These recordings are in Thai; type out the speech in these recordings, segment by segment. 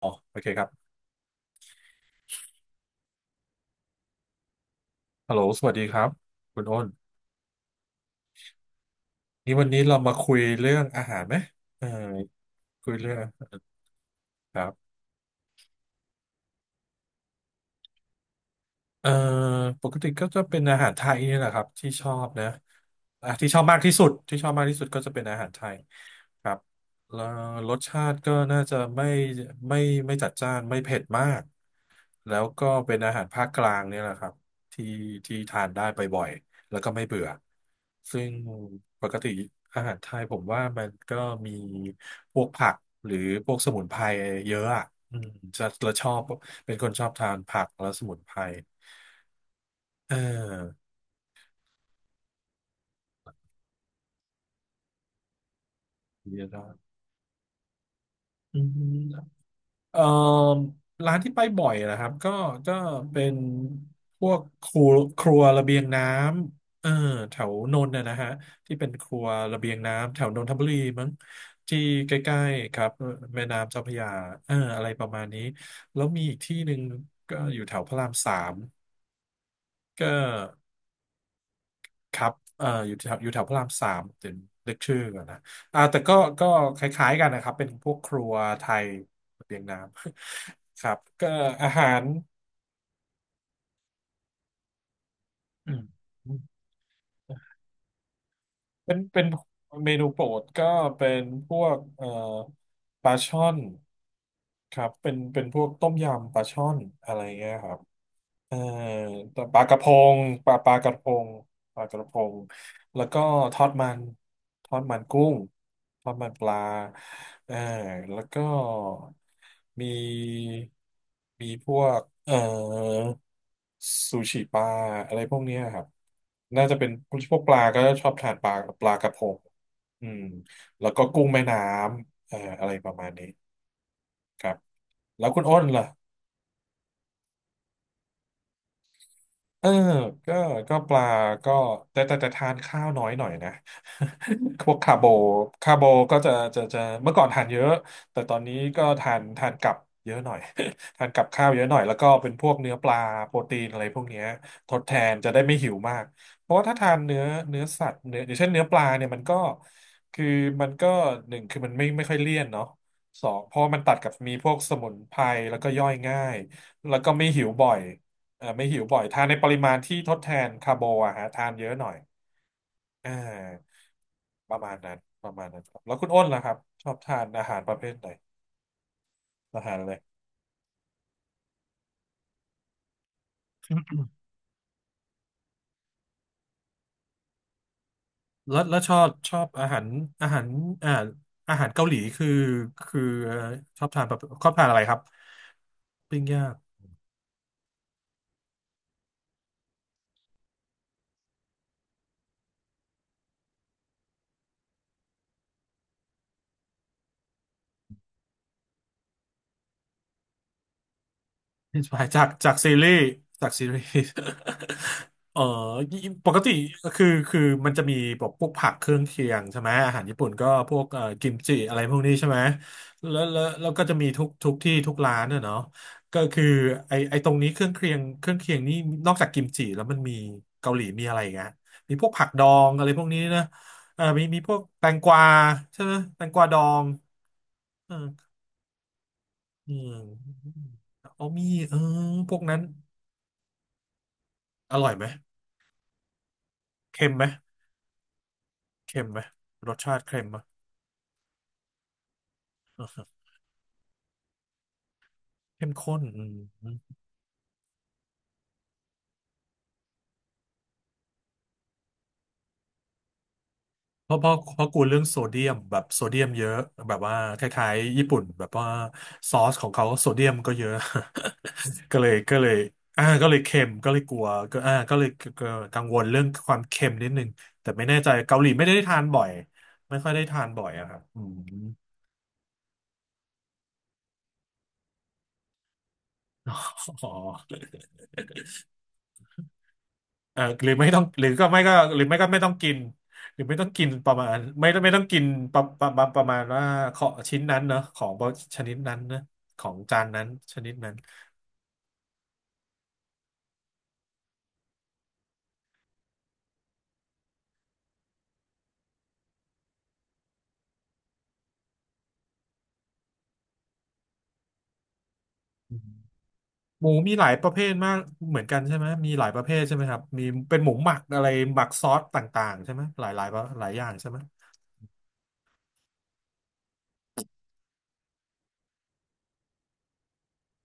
อ๋อโอเคครับฮัลโหลสวัสดีครับคุณอ้นนี่วันนี้เรามาคุยเรื่องอาหารไหมเออคุยเรื่องครับ เอ่อปกติก็จะเป็นอาหารไทยนี่แหละครับที่ชอบนะอ่ะที่ชอบมากที่สุดที่ชอบมากที่สุดก็จะเป็นอาหารไทยครับแล้วรสชาติก็น่าจะไม่ไม่จัดจ้านไม่เผ็ดมากแล้วก็เป็นอาหารภาคกลางเนี่ยแหละครับที่ที่ทานได้บ่อยๆแล้วก็ไม่เบื่อซึ่งปกติอาหารไทยผมว่ามันก็มีพวกผักหรือพวกสมุนไพรเยอะอ่ะอืมจะเราชอบเป็นคนชอบทานผักและสมุนไพร อ่าเยอะครับอืมเอ่อร้านที่ไปบ่อยนะครับก็เป็นพวกครัวครัวระเบียงน้ำเออแถวนนท์นะนะฮะที่เป็นครัวระเบียงน้ำแถวนนทบุรีมั้งที่ใกล้ๆครับแม่น้ำเจ้าพระยาเอออะไรประมาณนี้แล้วมีอีกที่หนึ่งก็อยู่แถวพระรามสามก็ ครับอยู่แถวพระรามสามเดี๋ยวนึกชื่อก่อนนะอ่าแต่ก็คล้ายๆกันนะครับ เป็นพวกครัวไทยระเบียงน้ำ ครับก็อาหารอืมเป็นเมนูโปรดก็เป็นพวกปลาช่อนครับเป็นพวกต้มยำปลาช่อนอะไรเงี้ยครับ เอ่อปลากระพงปลากระพงปลากระพงแล้วก็ทอดมันทอดมันกุ้งทอดมันปลาเอ่อแล้วก็มีมีพวกซูชิปลาอะไรพวกเนี้ยครับน่าจะเป็นพวกปลาก็ชอบทานปลาปลากระพงอืมแล้วก็กุ้งแม่น้ำอะไรประมาณนี้ครับแล้วคุณอ้นล่ะ เออก็ก็ปลาก็แต่ทานข้าวน้อยหน่อยนะ พวกคาร์โบคาร์โบก็จะเมื่อก่อนทานเยอะ แต่ตอนนี้ก็ทานกับเยอะหน่อย ทานกับข้าวเยอะหน่อย แล้วก็เป็นพวกเนื้อปลาโปรตีนอะไรพวกเนี้ยทดแทนจะได้ไม่หิวมากเพราะว่าถ้าทานเนื้อเนื้อสัตว์เนื้ออย่างเช่นเนื้อปลาเนี่ยมันก็คือมันก็หนึ่งคือมันไม่ค่อยเลี่ยนเนาะสองเพราะมันตัดกับมีพวกสมุนไพรแล้วก็ย่อยง่ายแล้วก็ไม่หิวบ่อย เออไม่หิวบ่อยทานในปริมาณที่ทดแทนคาร์โบอะฮะทานเยอะหน่อยอ่าประมาณนั้นประมาณนั้นครับแล้วคุณอ้นล่ะครับชอบทานอาหารประเภทไหนอาหารอะไรแล้วชอบอาหารอ่าอาหารเกาหลีคือชอบทานอะไรครับปิ้งย่าง จากซีรีส์จากซีรีส์ เอ่อปกติคือมันจะมีแบบพวกผักเครื่องเคียงใช่ไหมอาหารญี่ปุ่นก็พวกกิมจิอะไรพวกนี้ใช่ไหมแล้วก็จะมีทุกที่ทุกร้านอะเนาะก็คือไอตรงนี้เครื่องเคียงเครื่องเคียงนี่นอกจากกิมจิแล้วมันมีเกาหลีมีอะไรอีกอะมีพวกผักดองอะไรพวกนี้นะเอ่ามีพวกแตงกวาใช่ไหมแตงกวาดองเอออืมเอามีเออพวกนั้น อร่อยไหมเค็มไหมเค็มไหม รสชาติเค็มไหมเข้มข้นอืมเพราะกูเรื่องโซเดียมแบบโซเดียมเยอะแบบว่าคล้ายๆญี่ปุ่นแบบว่าซอสของเขาโซเดียมก็เยอะ ก็เลยอ่าก็เลยเค็มก็เลยกลัวก็อ่าก็เลยก็กังวลเรื่องความเค็มนิดนึงแต่ไม่แน่ใจเกาหลีไม่ได้ทานบ่อยไม่ค่อยได้ทานบ่อยอะครับอืม อ๋อ เออหรือไม่ต้องหรือก็ไม่ก็หรือไม่ก็ไม่ต้องกินหรือไม่ต้องกินประมาณไม่ต้องกินประมาณว่าของชิ้นนั้นเนอะของชนิดนั้นนะของจานนั้นชนิดนั้นอืมหมูมีหลายประเภทมากเหมือนกันใช่ไหมมีหลายประเภทใช่ไหมครับมีเป็นหมูหมักอะไรหมักซอสต่างๆใช่ไหมหลายหลายหลายอย่างใช่ไหม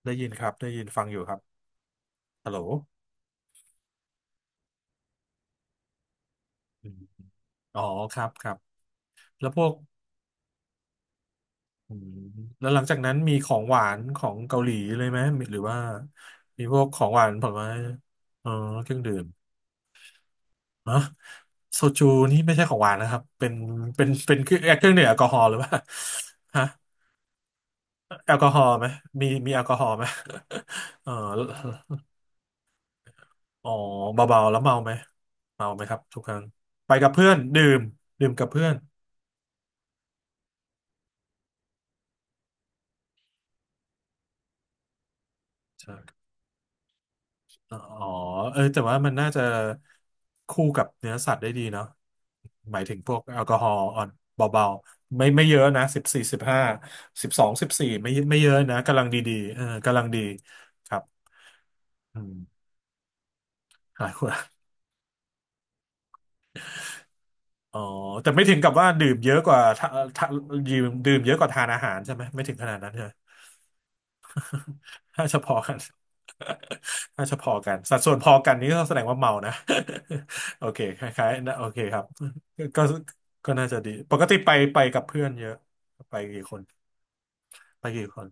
ได้ยินครับได้ยินฟังอยู่ครับฮัลโหลอมอ๋อครับครับแล้วพวก อืมแล้วหลังจากนั้นมีของหวานของเกาหลีเลยไหมหรือว่ามีพวกของหวานผลไม้เออเครื่องดื่มฮะโซจูนี่ไม่ใช่ของหวานนะครับเป็นเครื่องดื่มแอลกอฮอล์หรือเปล่าฮะแอลกอฮอล์ไหมมีแอลกอฮอล์ไหมเอออ๋อเบาๆแล้วเมาไหมเมาไหมครับทุกครั้งไปกับเพื่อนดื่มดื่มกับเพื่อน อ๋อเออแต่ว่ามันน่าจะคู่กับเนื้อสัตว์ได้ดีเนาะหมายถึงพวกแอลกอฮอล์อ่อนเบาๆไม่เยอะนะ14 1512 14ไม่เยอะนะกำลังดีๆเออกำลังดีครับอืมหลายคนอ๋อแต่ไม่ถึงกับว่าดื่มเยอะกว่าถ้าดื่มเยอะกว่าทานอาหารใช่ไหมไม่ถึงขนาดนั้นใช่ไหม ถ้าเฉพาะกัน ถ้าเฉพาะกันสัดส่วนพอกันนี่ก็แสดงว่าเมานะ โอเคคล้ายๆนะโอเคครับก็ก็น่าจะดีปกติไปกับเพื่อนเยอะไปกี่คนไปกี่คน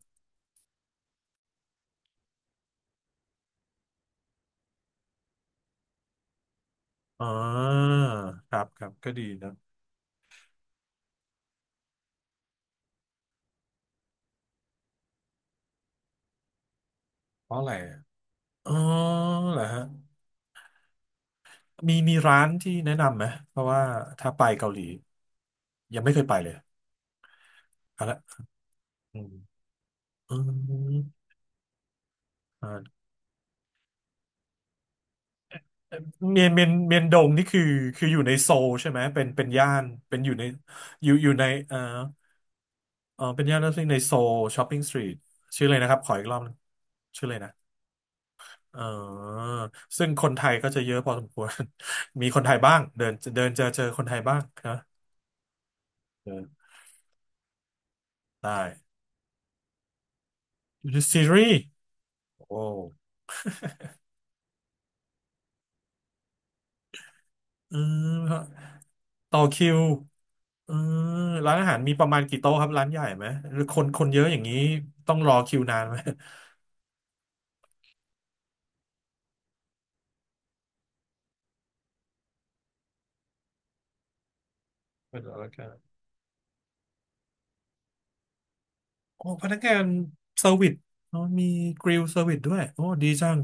อ๋อครับครับก็ดีนะเพราะอะไรอะอ๋อเหรอฮะมีร้านที่แนะนำไหมเพราะว่าถ้าไปเกาหลียังไม่เคยไปเลยเอาละอืมอืม เมียนดงนี่คืออยู่ในโซลใช่ไหมเป็นย่านเป็นอยู่ในอยู่ในเออเป็นย่านที่ในโซลช้อปปิ้งสตรีทชื่อเลยนะครับขออีกรอบหนึ่งชื่อเลยนะเออซึ่งคนไทยก็จะเยอะพอสมควร มีคนไทยบ้างเดินเดินเจอคนไทยบ้างนะเออได้ซีรีส์โอ้อืมต่อคิวเอืมร้านอาหารมีประมาณกี่โต๊ะครับร้านใหญ่ไหมหรือคนเยอะอย่างนี้ต้องรอคิวนานไหม โอ้พนักงานเซอร์วิสเนอะมีกริลเซอร์วิสด้วยโอ้ดีจัง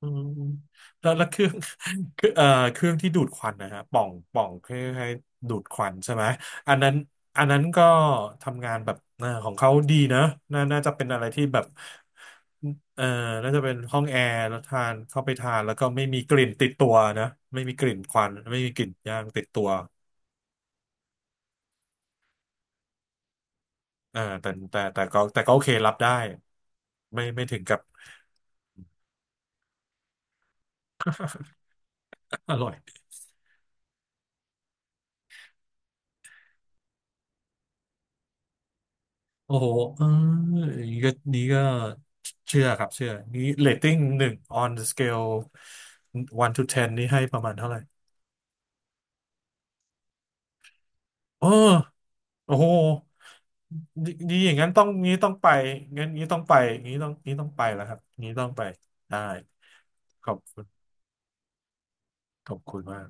อืมแล้วเครื่อง คือเครื่องที่ดูดควันนะฮะปล่องใค้่ให้ดูดควันใช่ไหมอันนั้นอันนั้นก็ทำงานแบบของเขาดีนะน่าจะเป็นอะไรที่แบบเอ่อน่าจะเป็นห้องแอร์แล้วทานเข้าไปทานแล้วก็ไม่มีกลิ่นติดตัวนะไม่มีกลิ่นควันไม่มีกลิ่นย่างติดตัวแต่ก็โอเครับได้ไม่ถึงกับ อร่อย โอ้โหเอออย่างนี้ก็นี้ก็เชื่อครับเชื่อ นี้เรตติ้ง1 on the scale 1 to 10 นี่ให้ประมาณเท่าไหร่เออโอ้โหนี่อย่างนั้นต้องนี้ต้องไปงั้นนี้ต้องไป นี้ต้องไปแล้วครับ นี้ต้องไป ได้ ขอบคุณขอบคุณมาก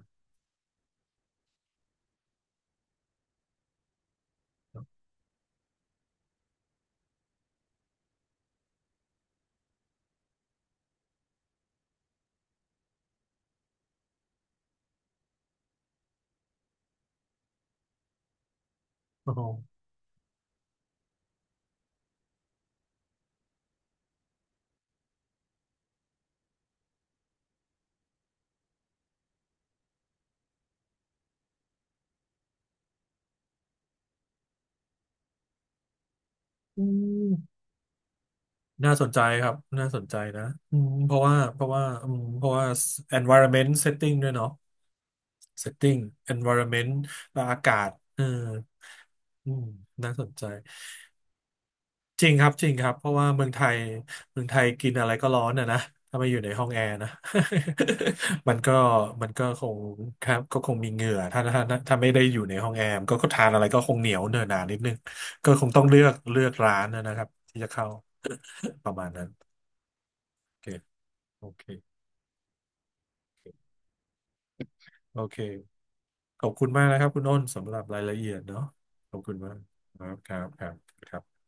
โอ้โหอืมน่าสนใจครับ น่าสนใจนะอืมเพราะว่า environment setting ด้วยเนาะ setting environment และอากาศเอออืมน่าสนใจจริงครับจริงครับเพราะว่าเมืองไทยกินอะไรก็ร้อนอ่ะนะถ้าไม่อยู่ในห้องแอร์นะ มันก็มันก็คงครับก็คงมีเหงื่อถ้าไม่ได้อยู่ในห้องแอร์มันก็ทานอะไรก็คงเหนียวเนอะหนานิดนึงก็คงต้องเลือกร้านนะครับที่จะเข้า ประมาณนั้นโอเคโอเคโอเค ขอบคุณมากนะครับคุณอ้นสำหรับรายละเอียดเนาะขอบคุณมากครับครับครับครับ